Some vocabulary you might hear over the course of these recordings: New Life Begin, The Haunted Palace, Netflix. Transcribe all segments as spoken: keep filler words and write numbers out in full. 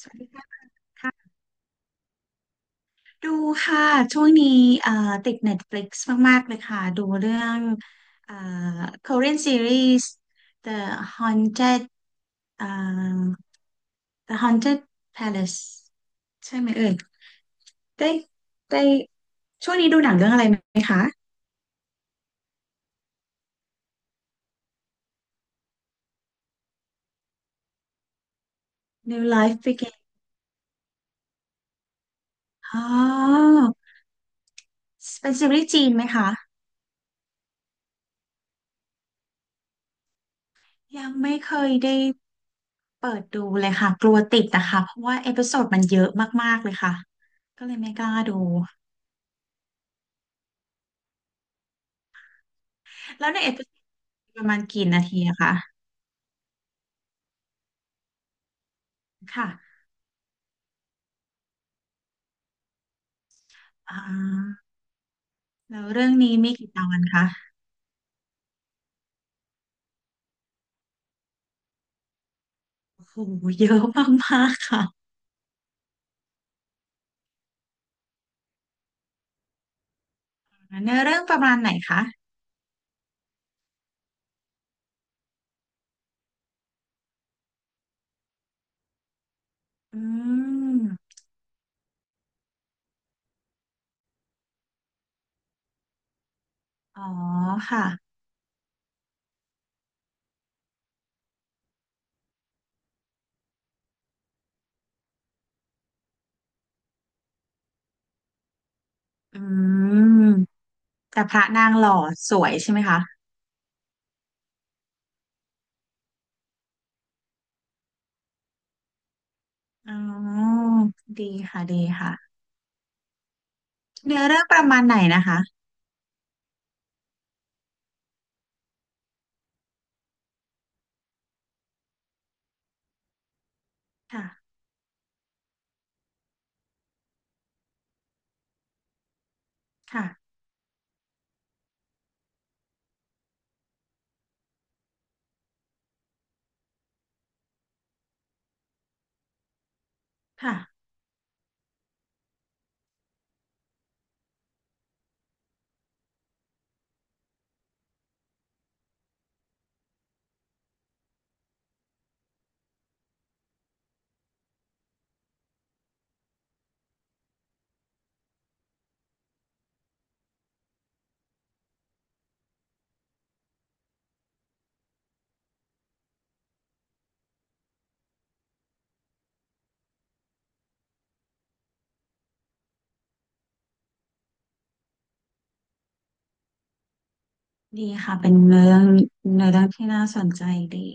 สวัสดีค่ะ ดูค่ะ ช่วงนี้เอ่อติด Netflix มากๆเลยค่ะ ดูเรื่องเอ่อ Korean series The Haunted เอ่อ The Haunted Palace ใช่ไหมเอ่ยได้ได้ช่วงนี้ดูหนังเรื่องอะไรไหมคะ New Life Begin อ๋อเป็นซีรีส์จีนไหมคะยังไม่เคยได้ เปิดดูเลยค่ะกลัวติดนะคะเพราะว่าเอพิโซดมันเยอะมากๆเลยค่ะก็เลยไม่กล้าดูแล้วในเอพิโซดประมาณกี่นาทีอะคะค่ะอ่าแล้วเรื่องนี้มีกี่ตอนคะโอ้โหเยอะมากๆค่ะเนื้อเรื่องประมาณไหนคะอืมอ๋อค่ะอืมแต่พระนางหล่อสวยใช่ไหมคะอ๋อดีค่ะดีค่ะเนื้อเรื่องประมาณไหนนะคะค่ะค่ะค่ะ ดีค่ะเป็นเรื่องในเรื่องที่น่าสนใจดี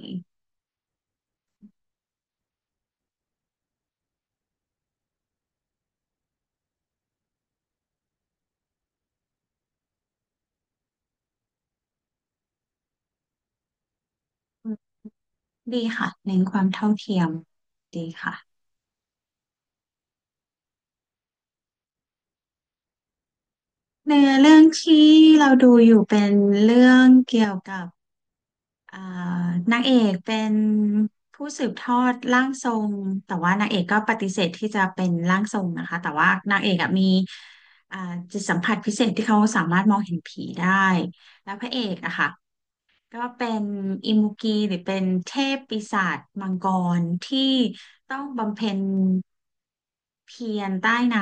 ดีค่ะเน้นความเท่าเทียมดีค่ะในเรื่องที่เราดูอยู่เป็นเรื่องเกี่ยวกับอ่านางเอกเป็นผู้สืบทอดร่างทรงแต่ว่านางเอกก็ปฏิเสธที่จะเป็นร่างทรงนะคะแต่ว่านางเอกอะมีอ่าจิตสัมผัสพิเศษที่เขาสามารถมองเห็นผีได้แล้วพระเอกอะค่ะ ก็เป็นอิมุกีหรือเป็นเทพปีศาจมังกรที่ต้องบำเพ็ญเพียรใต้น้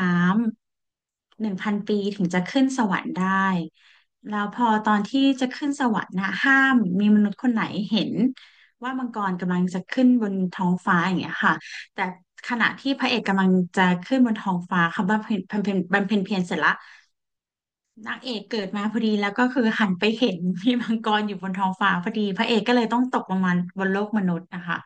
ำหนึ่งพันปีถึงจะขึ้นสวรรค์ได้แล้วพอตอนที่จะขึ้นสวรรค์นะห้ามมีมนุษย์คนไหนเห็นว่ามังกรกำลังจะขึ้นบนท้องฟ้าอย่างเงี้ยค่ะแต่ขณะที่พระเอกกำลังจะขึ้นบนท้องฟ้าเขาบำเพ็ญบำเพ็ญบำเพ็ญเพียรเสร็จละ นางเอกเกิดมาพอดีแล้วก็คือหันไปเห็น พี่มังกรอยู่บนท้องฟ้าพอดีพระเอกก็เลยต้องตกลงมาบนโลกมนุษย์นะคะ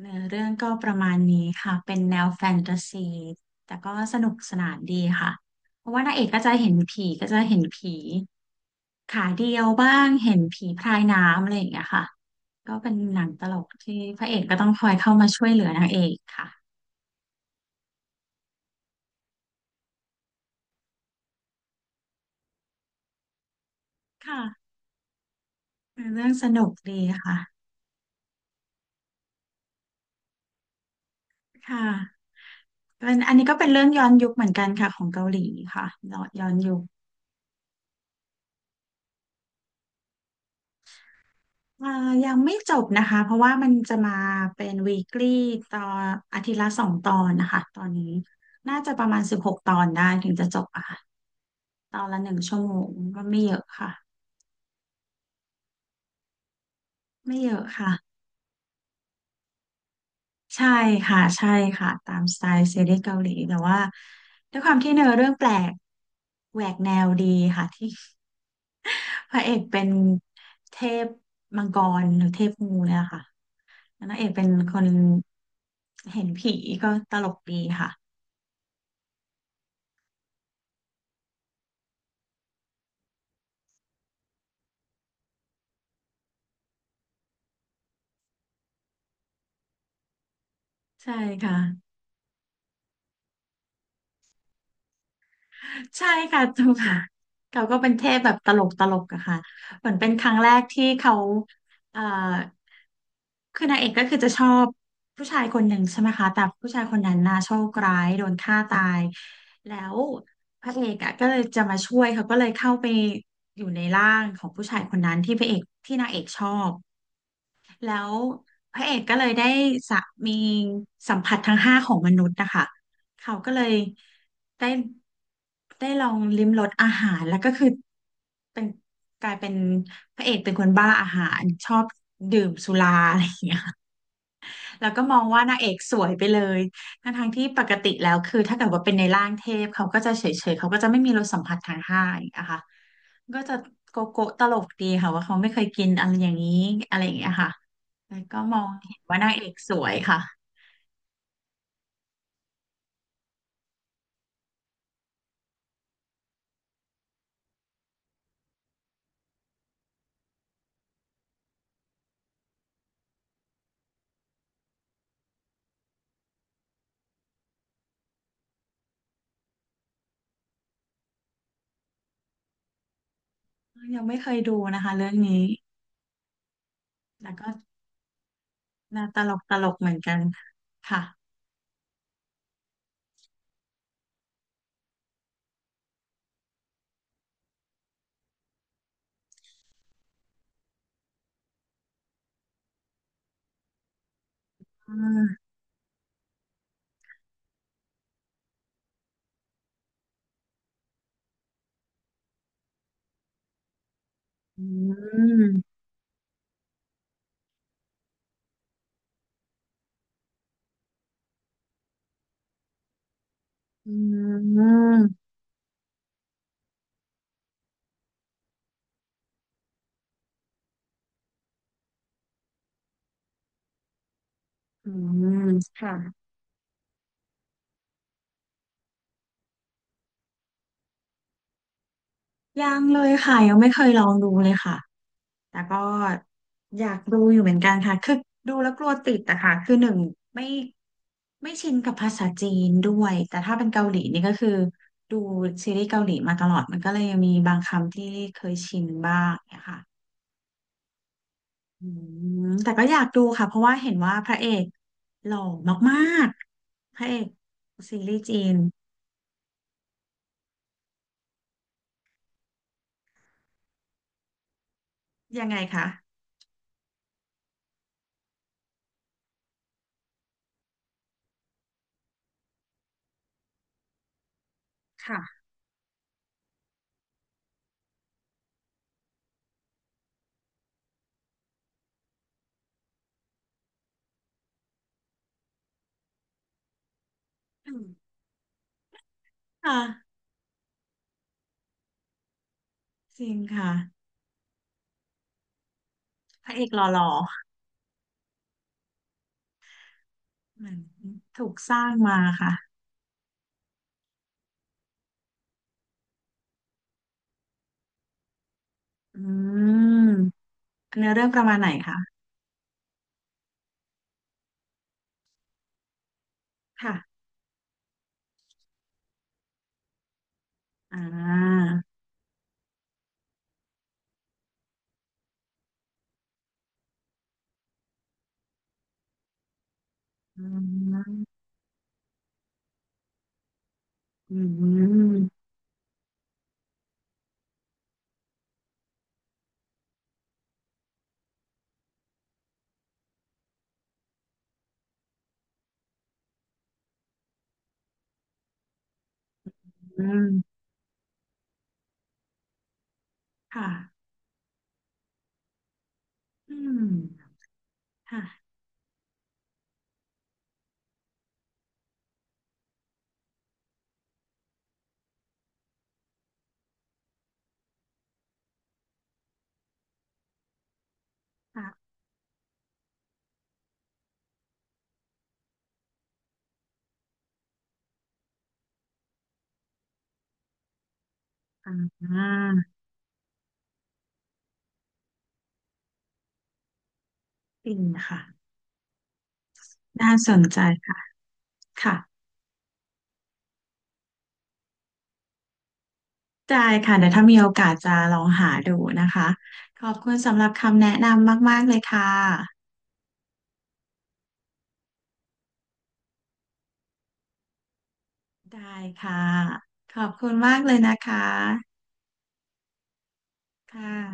เนื้อเรื่องก็ประมาณนี้ค่ะเป็นแนวแฟนตาซีแต่ก็สนุกสนานดีค่ะเพราะว่านางเอกก็จะเห็นผีก็จะเห็นผีขาเดียวบ้างเห็นผีพรายน้ำอะไรอย่างเงี้ยค่ะก็เป็นหนังตลกที่พระเอกก็ต้องคอยเข้ามาช่วยเหลือนางเอกค่ะค่ะเนื้อเรื่องสนุกดีค่ะค่ะ เป็นอันนี้ก็เป็นเรื่องย้อนยุคเหมือนกันค่ะของเกาหลีค่ะย้อนยุคอ่ายังไม่จบนะคะ เพราะว่ามันจะมาเป็น weekly ตอนอาทิตย์ละสองตอนนะคะ ตอนนี้น่าจะประมาณสิบหกตอนได้ถึงจะจบอะค่ะตอนละหนึ่งชั่วโมงก็ไม่เยอะค่ะ ไม่เยอะค่ะ ใช่ค่ะ ใช่ค่ะ ตามสไตล์ซีรีส์เกาหลีแต่ว่าด้วยความที่เนื้อเรื่องแปลก แหวกแนวดีค่ะที่ พระเอกเป็นเทพมังกรหรือเทพงูเนี่ยค่ะ นางเอกเป็นคนเห็นผีก็ตลกดีค่ะใช่ค่ะใช่ค่ะถูกค่ะเขาก็เป็นเทพแบบตลกตลกอะค่ะเหมือนเป็นครั้งแรกที่เขาเอ่อคือนางเอกก็คือจะชอบผู้ชายคนหนึ่งใช่ไหมคะแต่ผู้ชายคนนั้นน่าโชคร้ายโดนฆ่าตายแล้วพระเอกอะก็เลยจะมาช่วยเขาก็เลยเข้าไปอยู่ในร่างของผู้ชายคนนั้นที่พระเอกที่นางเอกชอบ แล้วพระเอกก็เลยได้สะมีสัมผัสทั้งห้าของมนุษย์นะคะเขาก็เลยได้ได้ลองลิ้มรสอาหารแล้วก็คือเป็นกลายเป็นพระเอกเป็นคนบ้าอาหารชอบดื่มสุราอะไรอย่างเงี้ยแล้วก็มองว่านางเอกสวยไปเลยทั้งทงที่ปกติแล้วคือถ้าเกิดว่าเป็นในร่างเทพเขาก็จะเฉยๆเขาก็จะไม่มีรสสัมผัสทางห้าอย่างคะ ก็จะโกโก้ตลกดีค่ะว่าเขาไม่เคยกินอะไรอย่างนี้อะไรอย่างเงี้ยค่ะแล้วก็มองเห็นว่านางเอกสวยค่ะยังไม่เคยดูนะคะเรื่องนี้แล้วก็น่าตลกตลกเหมือนกันค่ะอืมอืมอืมอืมอืมค่ะยังเลยค่ะยังไม่เคยลองดูเลยค่ะ แต่ก็อยากดูอยู่เหมือนกันค่ะ คือดูแล้วกลัวติดอะค่ะ คือหนึ่งไม่ไม่ชินกับภาษาจีนด้วยแต่ถ้าเป็นเกาหลีนี่ก็คือดูซีรีส์เกาหลีมาตลอดมันก็เลยยังมีบางคำที่เคยชินบ้างเนี่ยค่ะอืมแต่ก็อยากดูค่ะเพราะว่าเห็นว่าพระเอกหล่อมากๆพระเอกซีรีส์จีนยังไงคะค่ะอืมค่ะจริงค่ะพระเอกหล่อๆเหมือนถูกสร้างมาค่ะ อืมเนื้อเรื่องประมาณไหนคะค่ะอ่าอืม อืมอืมค่ะ อืม ค่ะค่ะอ่าปินค่ะ น่าสนใจค่ะค่ะได้ค่ะเดี๋ยวถ้ามีโอกาสจะลองหาดูนะคะ ขอบคุณสำหรับคำแนะนำมากๆเลยค่ะ ได้ค่ะขอบคุณมากเลยนะคะ ค่ะ